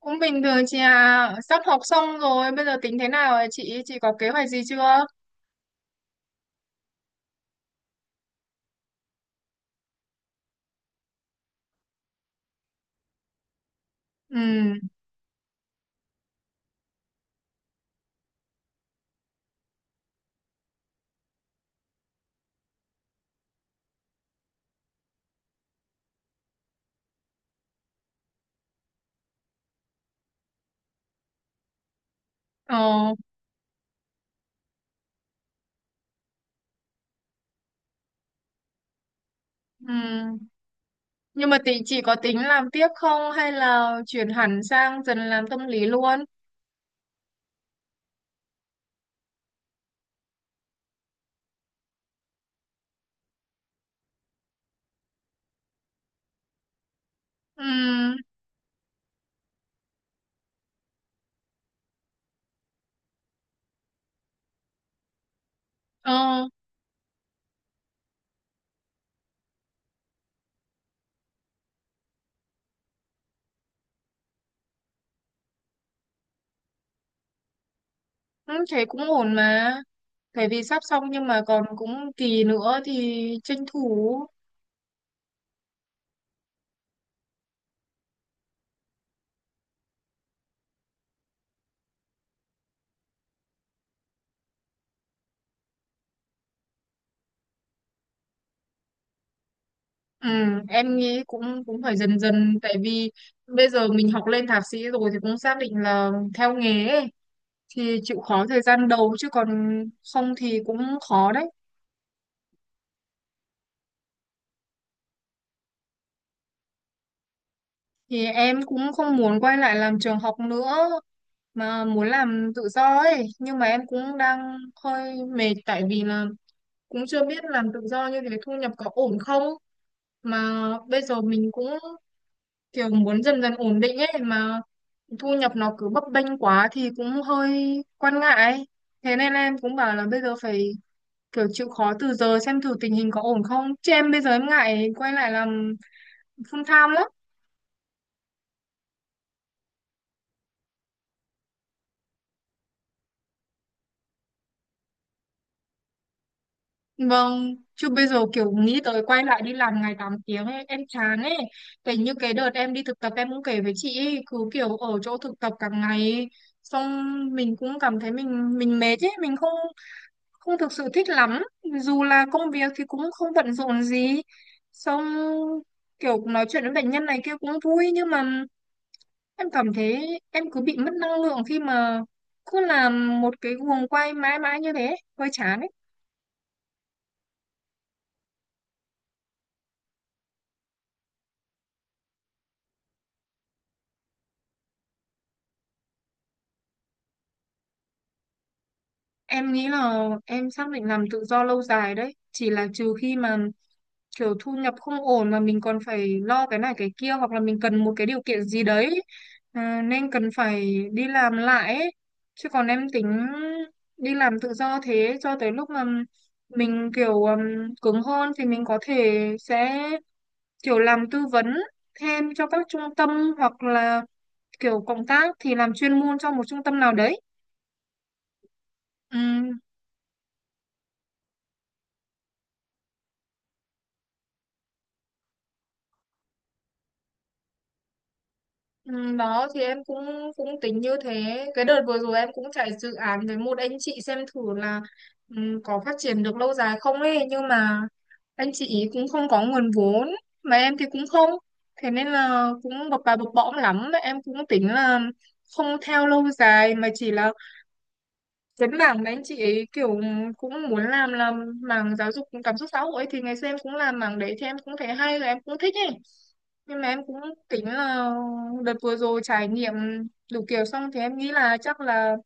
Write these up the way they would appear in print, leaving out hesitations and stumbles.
Cũng bình thường chị à, sắp học xong rồi, bây giờ tính thế nào ạ chị? Chị có kế hoạch gì chưa? Ừ, ờ, ừ. Nhưng mà tính chị có tính làm tiếp không hay là chuyển hẳn sang dần làm tâm lý luôn? Ừ, ờ, ừ, thế cũng ổn mà. Bởi vì sắp xong nhưng mà còn cũng kỳ nữa thì tranh thủ. Ừ, em nghĩ cũng cũng phải dần dần, tại vì bây giờ mình học lên thạc sĩ rồi thì cũng xác định là theo nghề ấy. Thì chịu khó thời gian đầu chứ còn không thì cũng khó đấy. Thì em cũng không muốn quay lại làm trường học nữa mà muốn làm tự do ấy, nhưng mà em cũng đang hơi mệt tại vì là cũng chưa biết làm tự do như thế thu nhập có ổn không, mà bây giờ mình cũng kiểu muốn dần dần ổn định ấy mà thu nhập nó cứ bấp bênh quá thì cũng hơi quan ngại. Thế nên em cũng bảo là bây giờ phải kiểu chịu khó từ giờ xem thử tình hình có ổn không, chứ em bây giờ em ngại quay lại làm full time lắm. Vâng, chứ bây giờ kiểu nghĩ tới quay lại đi làm ngày 8 tiếng ấy, em chán ấy. Tại như cái đợt em đi thực tập em cũng kể với chị ấy, cứ kiểu ở chỗ thực tập cả ngày ấy, xong mình cũng cảm thấy mình mệt ấy, mình không không thực sự thích lắm, dù là công việc thì cũng không bận rộn gì, xong kiểu nói chuyện với bệnh nhân này kia cũng vui nhưng mà em cảm thấy em cứ bị mất năng lượng khi mà cứ làm một cái guồng quay mãi mãi như thế, hơi chán ấy. Em nghĩ là em xác định làm tự do lâu dài đấy, chỉ là trừ khi mà kiểu thu nhập không ổn mà mình còn phải lo cái này cái kia hoặc là mình cần một cái điều kiện gì đấy, à, nên cần phải đi làm lại ấy. Chứ còn em tính đi làm tự do thế cho tới lúc mà mình kiểu cứng hơn thì mình có thể sẽ kiểu làm tư vấn thêm cho các trung tâm hoặc là kiểu cộng tác thì làm chuyên môn cho một trung tâm nào đấy. Ừ. Ừ, đó thì em cũng cũng tính như thế. Cái đợt vừa rồi em cũng chạy dự án với một anh chị xem thử là, ừ, có phát triển được lâu dài không ấy, nhưng mà anh chị ý cũng không có nguồn vốn mà em thì cũng không, thế nên là cũng bập bà bập bõm lắm. Em cũng tính là không theo lâu dài mà chỉ là cái mảng mà anh chị kiểu cũng muốn làm là mảng giáo dục cảm xúc xã hội ấy, thì ngày xưa em cũng làm mảng đấy thì em cũng thấy hay, là em cũng thích ấy, nhưng mà em cũng tính là đợt vừa rồi trải nghiệm đủ kiểu xong thì em nghĩ là chắc là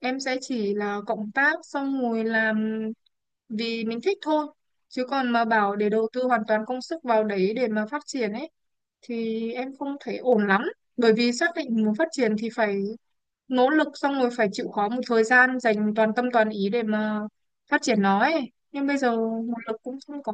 em sẽ chỉ là cộng tác xong rồi làm vì mình thích thôi, chứ còn mà bảo để đầu tư hoàn toàn công sức vào đấy để mà phát triển ấy thì em không thấy ổn lắm. Bởi vì xác định muốn phát triển thì phải nỗ lực, xong rồi phải chịu khó một thời gian dành toàn tâm toàn ý để mà phát triển nó ấy, nhưng bây giờ nguồn lực cũng không có.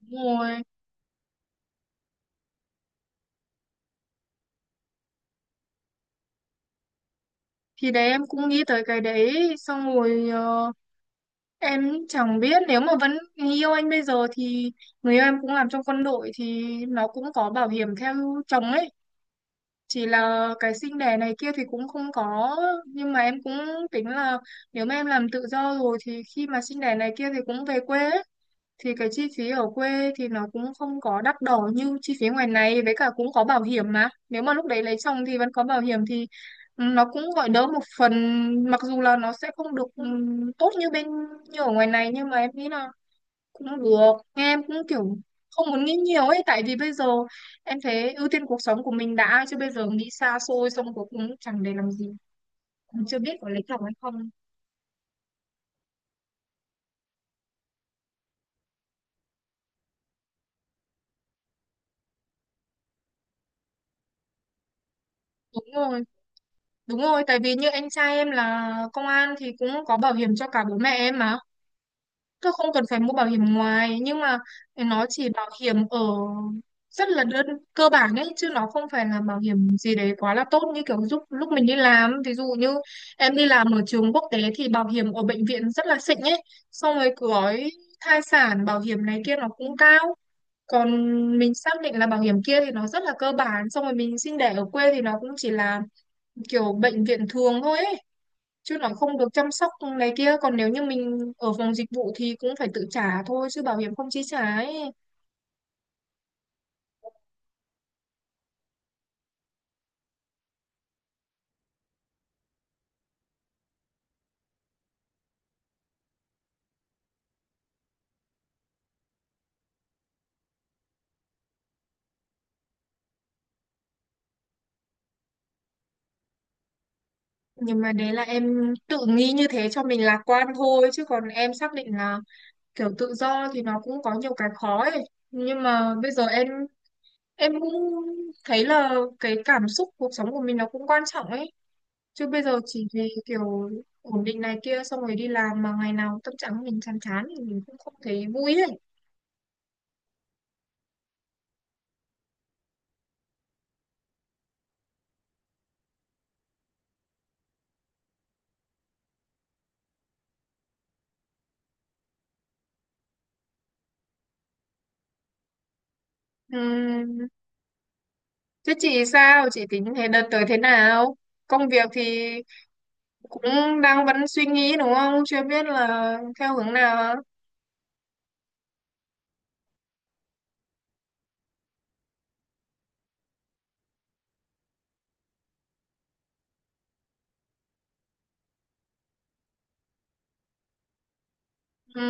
Đúng rồi, thì đấy em cũng nghĩ tới cái đấy xong rồi, em chẳng biết, nếu mà vẫn người yêu anh bây giờ thì người yêu em cũng làm trong quân đội thì nó cũng có bảo hiểm theo chồng ấy, chỉ là cái sinh đẻ này kia thì cũng không có. Nhưng mà em cũng tính là nếu mà em làm tự do rồi thì khi mà sinh đẻ này kia thì cũng về quê ấy, thì cái chi phí ở quê thì nó cũng không có đắt đỏ như chi phí ngoài này, với cả cũng có bảo hiểm mà, nếu mà lúc đấy lấy chồng thì vẫn có bảo hiểm thì, ừ, nó cũng gọi đỡ một phần. Mặc dù là nó sẽ không được tốt như bên như ở ngoài này, nhưng mà em nghĩ là cũng được. Em cũng kiểu không muốn nghĩ nhiều ấy, tại vì bây giờ em thấy ưu tiên cuộc sống của mình đã, chứ bây giờ nghĩ xa xôi xong cuối cùng chẳng để làm gì, chưa biết có lấy chồng hay không. Đúng rồi. Đúng rồi, tại vì như anh trai em là công an thì cũng có bảo hiểm cho cả bố mẹ em mà. Tôi không cần phải mua bảo hiểm ngoài, nhưng mà nó chỉ bảo hiểm ở rất là đơn cơ bản ấy, chứ nó không phải là bảo hiểm gì đấy quá là tốt như kiểu giúp lúc mình đi làm. Ví dụ như em đi làm ở trường quốc tế thì bảo hiểm ở bệnh viện rất là xịn ấy, xong rồi cứ gói thai sản, bảo hiểm này kia nó cũng cao. Còn mình xác định là bảo hiểm kia thì nó rất là cơ bản, xong rồi mình sinh đẻ ở quê thì nó cũng chỉ là kiểu bệnh viện thường thôi ấy, chứ nó không được chăm sóc này kia. Còn nếu như mình ở phòng dịch vụ thì cũng phải tự trả thôi chứ bảo hiểm không chi trả ấy. Nhưng mà đấy là em tự nghĩ như thế cho mình lạc quan thôi, chứ còn em xác định là kiểu tự do thì nó cũng có nhiều cái khó ấy, nhưng mà bây giờ em cũng thấy là cái cảm xúc cuộc sống của mình nó cũng quan trọng ấy. Chứ bây giờ chỉ vì kiểu ổn định này kia xong rồi đi làm mà ngày nào tâm trạng mình chán chán thì mình cũng không thấy vui ấy. Ừm, Thế chị sao? Chị tính thế đợt tới thế nào? Công việc thì cũng đang vẫn suy nghĩ đúng không? Chưa biết là theo hướng nào. Ừ.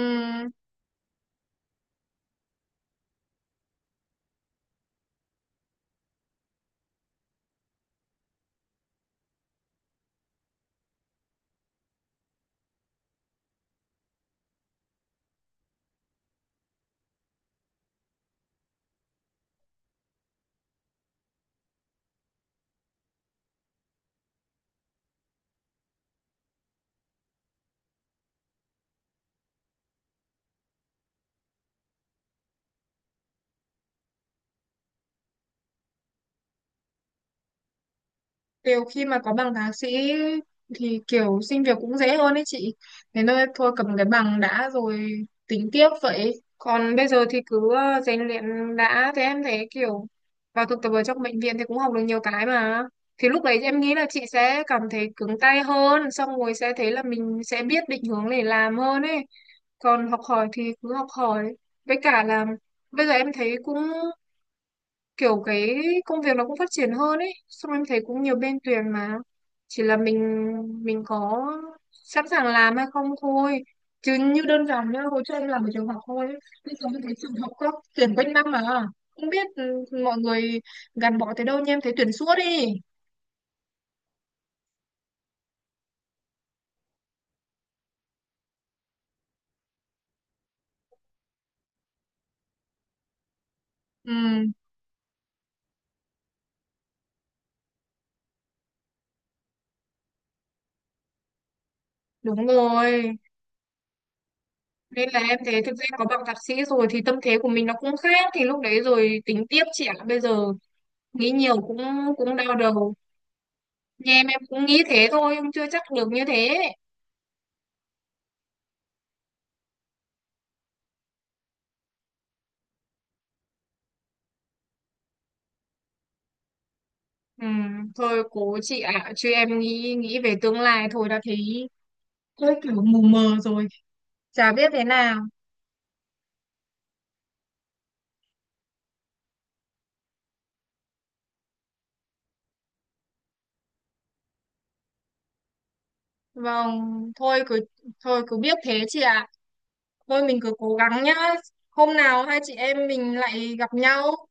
Kiểu khi mà có bằng thạc sĩ thì kiểu xin việc cũng dễ hơn ấy chị. Thế nên thôi cầm cái bằng đã rồi tính tiếp vậy. Còn bây giờ thì cứ, rèn luyện đã. Thế em thấy kiểu vào thực tập ở trong bệnh viện thì cũng học được nhiều cái mà. Thì lúc đấy em nghĩ là chị sẽ cảm thấy cứng tay hơn. Xong rồi sẽ thấy là mình sẽ biết định hướng để làm hơn ấy. Còn học hỏi thì cứ học hỏi. Với cả là bây giờ em thấy cũng kiểu cái công việc nó cũng phát triển hơn ấy, xong em thấy cũng nhiều bên tuyển mà, chỉ là mình có sẵn sàng làm hay không thôi. Chứ như đơn giản nhá, hồi trước em làm ở trường học thôi, bây giờ em thấy trường học có tuyển quanh năm mà, không biết, ừ, mọi người gắn bó tới đâu nhưng em thấy tuyển suốt đi. Ừ. Đúng rồi, nên là em thấy thực ra có bằng thạc sĩ rồi thì tâm thế của mình nó cũng khác, thì lúc đấy rồi tính tiếp, trẻ bây giờ nghĩ nhiều cũng cũng đau đầu. Thì em cũng nghĩ thế thôi nhưng chưa chắc được như thế. Ừ, thôi cố chị ạ, chứ em nghĩ nghĩ về tương lai thôi đã thấy hơi kiểu mù mờ rồi, chả biết thế nào. Vâng, thôi cứ, thôi cứ biết thế chị ạ. Thôi mình cứ cố gắng nhá, hôm nào hai chị em mình lại gặp nhau.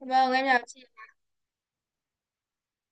Vâng em chào chị.